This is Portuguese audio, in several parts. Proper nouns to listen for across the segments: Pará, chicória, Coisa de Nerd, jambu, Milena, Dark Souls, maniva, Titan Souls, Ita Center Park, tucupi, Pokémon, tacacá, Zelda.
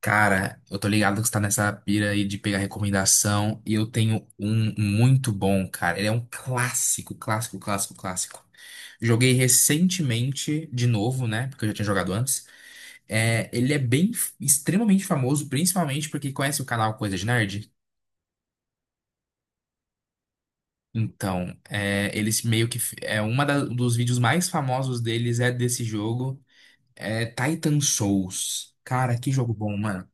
Cara, eu tô ligado que você tá nessa pira aí de pegar recomendação e eu tenho um muito bom, cara. Ele é um clássico, clássico, clássico, clássico. Joguei recentemente de novo, né? Porque eu já tinha jogado antes. É, ele é bem, extremamente famoso, principalmente porque conhece o canal Coisa de Nerd. Então, é, eles meio que é dos vídeos mais famosos deles é desse jogo, é Titan Souls. Cara, que jogo bom, mano.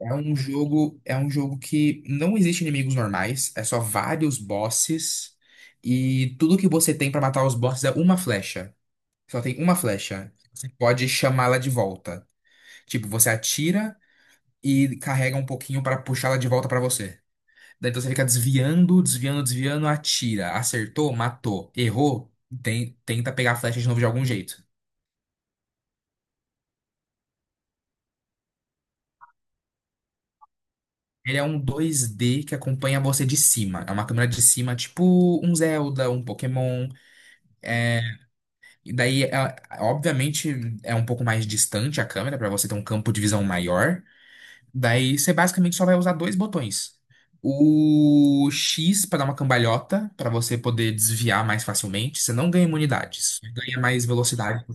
É um jogo que não existe inimigos normais, é só vários bosses e tudo que você tem pra matar os bosses é uma flecha. Só tem uma flecha. Você pode chamá-la de volta. Tipo, você atira e carrega um pouquinho pra puxá-la de volta pra você. Daí então você fica desviando, desviando, desviando, atira, acertou, matou, errou, tenta pegar a flecha de novo de algum jeito. Ele é um 2D que acompanha você de cima. É uma câmera de cima, tipo um Zelda, um Pokémon. E daí, obviamente, é um pouco mais distante a câmera para você ter um campo de visão maior. Daí, você basicamente só vai usar dois botões. O X para dar uma cambalhota, para você poder desviar mais facilmente. Você não ganha imunidade, você ganha mais velocidade.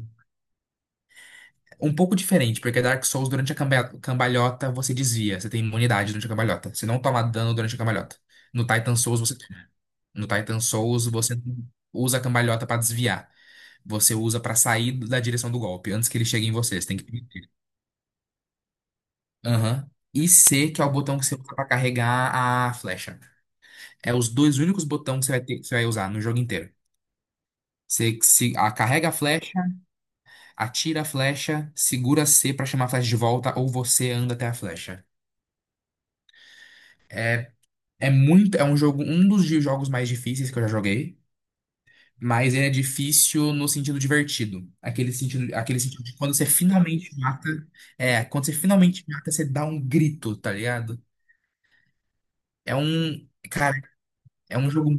Um pouco diferente, porque Dark Souls, durante a cambalhota, você desvia. Você tem imunidade durante a cambalhota. Você não toma dano durante a cambalhota. No Titan Souls, você... No Titan Souls, você usa a cambalhota para desviar, você usa pra sair da direção do golpe, antes que ele chegue em você. Você tem que permitir. Aham. E C, que é o botão que você usa pra carregar a flecha. É os dois únicos botões que você vai ter, que você vai usar no jogo inteiro. Você se, a- carrega a flecha, atira a flecha, segura C pra chamar a flecha de volta, ou você anda até a flecha. É, é muito, é um jogo, um dos jogos mais difíceis que eu já joguei. Mas ele é difícil no sentido divertido. Aquele sentido de quando você finalmente mata. É, quando você finalmente mata, você dá um grito, tá ligado? Cara, é um jogo.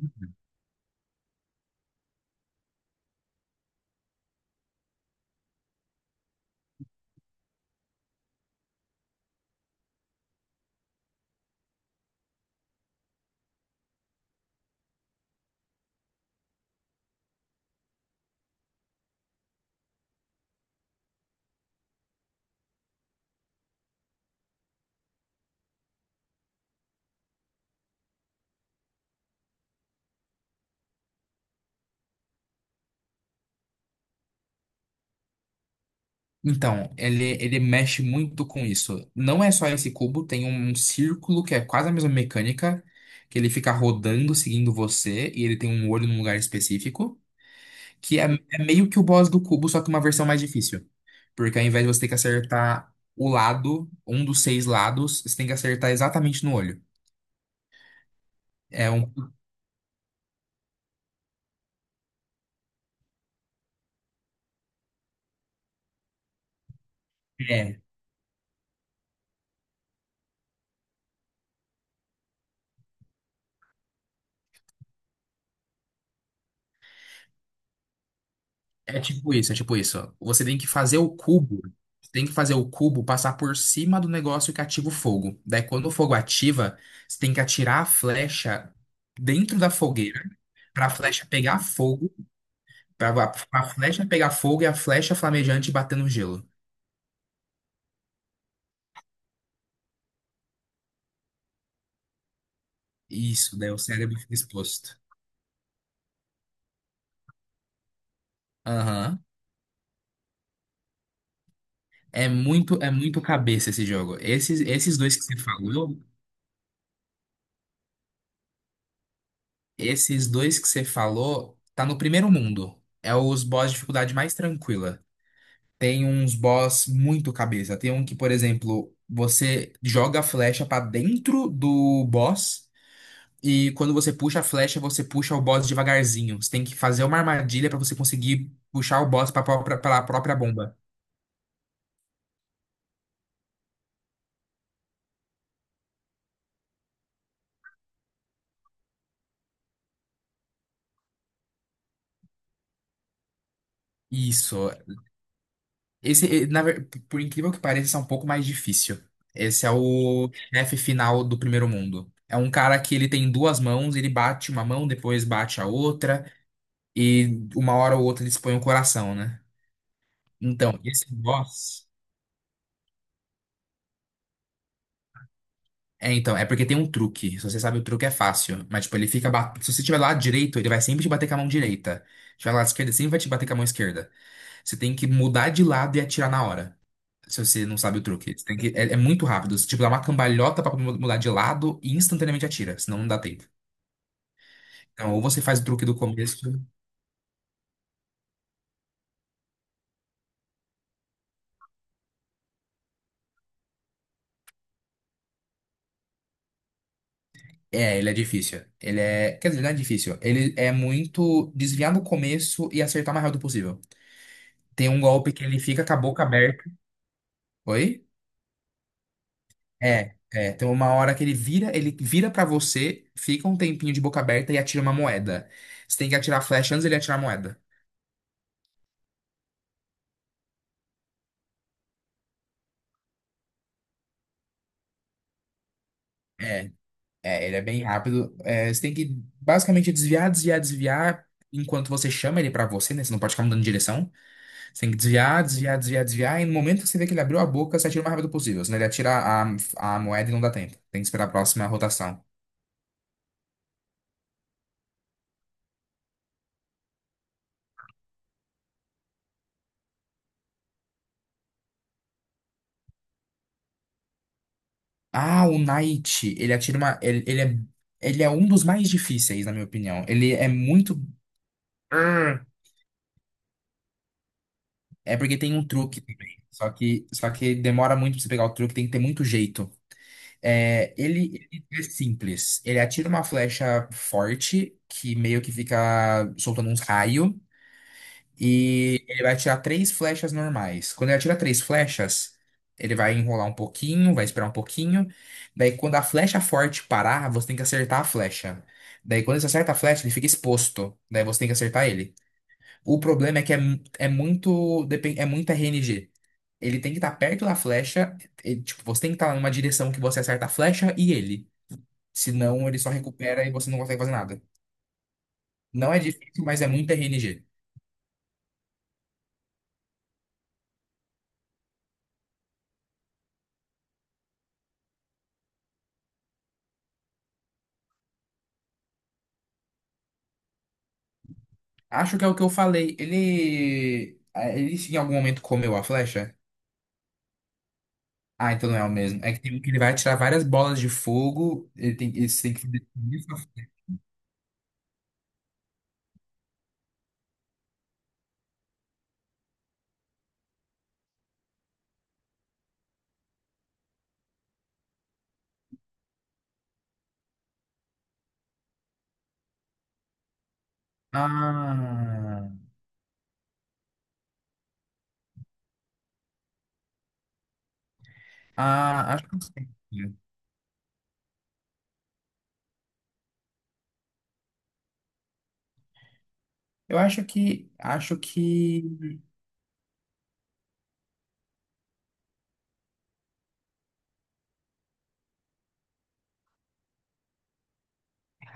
Então, ele mexe muito com isso. Não é só esse cubo, tem um círculo que é quase a mesma mecânica, que ele fica rodando, seguindo você, e ele tem um olho num lugar específico. Que é meio que o boss do cubo, só que uma versão mais difícil. Porque ao invés de você ter que acertar o lado, um dos seis lados, você tem que acertar exatamente no olho. É um. É, é tipo isso. Você tem que fazer o cubo passar por cima do negócio que ativa o fogo. Daí, quando o fogo ativa, você tem que atirar a flecha dentro da fogueira para a flecha pegar fogo, para a flecha pegar fogo e a flecha flamejante bater no gelo. Isso, daí o cérebro fica exposto. Aham. É muito cabeça esse jogo. Esses dois que você falou, tá no primeiro mundo. É os boss de dificuldade mais tranquila. Tem uns boss muito cabeça. Tem um que, por exemplo, você joga a flecha pra dentro do boss e quando você puxa a flecha, você puxa o boss devagarzinho. Você tem que fazer uma armadilha pra você conseguir puxar o boss pela própria bomba. Isso. Esse, por incrível que pareça, esse é um pouco mais difícil. Esse é o chefe final do primeiro mundo. É um cara que ele tem duas mãos, ele bate uma mão, depois bate a outra, e uma hora ou outra ele expõe o coração, né? Então, esse boss. É, então, é porque tem um truque. Se você sabe o truque, é fácil. Mas, tipo, se você estiver do lado direito, ele vai sempre te bater com a mão direita. Se estiver do lado esquerdo, ele sempre vai te bater com a mão esquerda. Você tem que mudar de lado e atirar na hora. Se você não sabe o truque. Você tem que, é, é muito rápido. Você, tipo, dá uma cambalhota pra mudar de lado e instantaneamente atira, senão não dá tempo. Então, ou você faz o truque do começo. É, ele é difícil. Ele é. Quer dizer, não é difícil. Ele é muito desviar no começo e acertar o mais rápido possível. Tem um golpe que ele fica com a boca aberta. Oi? É, é. Tem uma hora que ele vira pra você, fica um tempinho de boca aberta e atira uma moeda. Você tem que atirar a flecha antes dele atirar a moeda. É. É, ele é bem rápido. É, você tem que basicamente desviar, desviar, desviar enquanto você chama ele pra você, né? Você não pode ficar mudando de direção. Você tem que desviar, desviar, desviar, desviar. E no momento que você vê que ele abriu a boca, você atira o mais rápido possível. Senão ele atira a moeda e não dá tempo. Tem que esperar a próxima rotação. Ah, o Knight, ele atira uma. Ele é um dos mais difíceis, na minha opinião. Ele é muito. É porque tem um truque também. Só que demora muito pra você pegar o truque, tem que ter muito jeito. É, ele é simples. Ele atira uma flecha forte, que meio que fica soltando uns raios, e ele vai atirar três flechas normais. Quando ele atira três flechas, ele vai enrolar um pouquinho, vai esperar um pouquinho. Daí, quando a flecha forte parar, você tem que acertar a flecha. Daí, quando você acerta a flecha, ele fica exposto. Daí, você tem que acertar ele. O problema é que é, é muito, é muito RNG. Ele tem que estar perto da flecha. E, tipo, você tem que estar numa direção que você acerta a flecha e ele. Senão ele só recupera e você não consegue fazer nada. Não é difícil, mas é muito RNG. Acho que é o que eu falei. Ele em algum momento comeu a flecha? Ah, então não é o mesmo. É que tem um que ele vai atirar várias bolas de fogo. Ele tem que. Definir sua- Ah. Ah, acho que eu sei. Eu acho que. Acho que.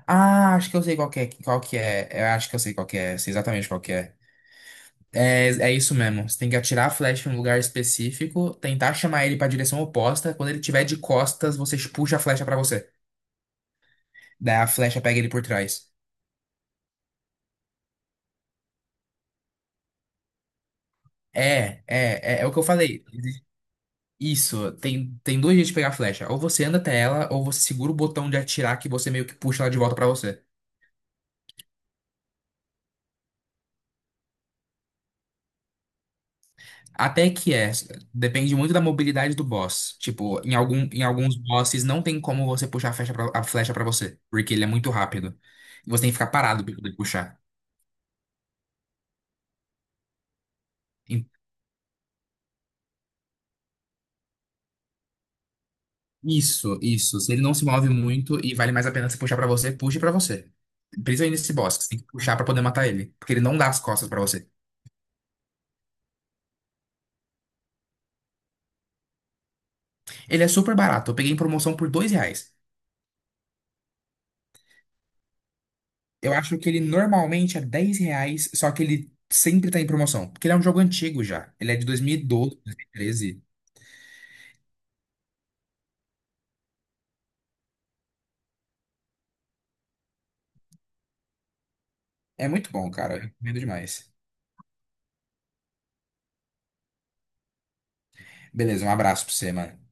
Ah, acho que eu sei qual que é. Qual que é. Eu acho que eu sei qual que é. Sei exatamente qual que é. É, é isso mesmo. Você tem que atirar a flecha em um lugar específico, tentar chamar ele pra direção oposta. Quando ele tiver de costas, você puxa a flecha pra você. Daí a flecha pega ele por trás. É, é, é, é o que eu falei. Isso, tem dois jeitos de pegar a flecha. Ou você anda até ela, ou você segura o botão de atirar que você meio que puxa ela de volta pra você. Até que é, depende muito da mobilidade do boss. Tipo, em alguns bosses não tem como você puxar a flecha pra você, porque ele é muito rápido. Você tem que ficar parado pra poder puxar. Isso, isso. Se ele não se move muito e vale mais a pena se puxar pra você, puxe pra você. Principalmente nesse boss, que você tem que puxar pra poder matar ele, porque ele não dá as costas pra você. Ele é super barato, eu peguei em promoção por R$ 2. Eu acho que ele normalmente é R$ 10, só que ele sempre tá em promoção, porque ele é um jogo antigo já. Ele é de 2012, 2013. É muito bom, cara, eu recomendo demais. Beleza, um abraço pra você, mano.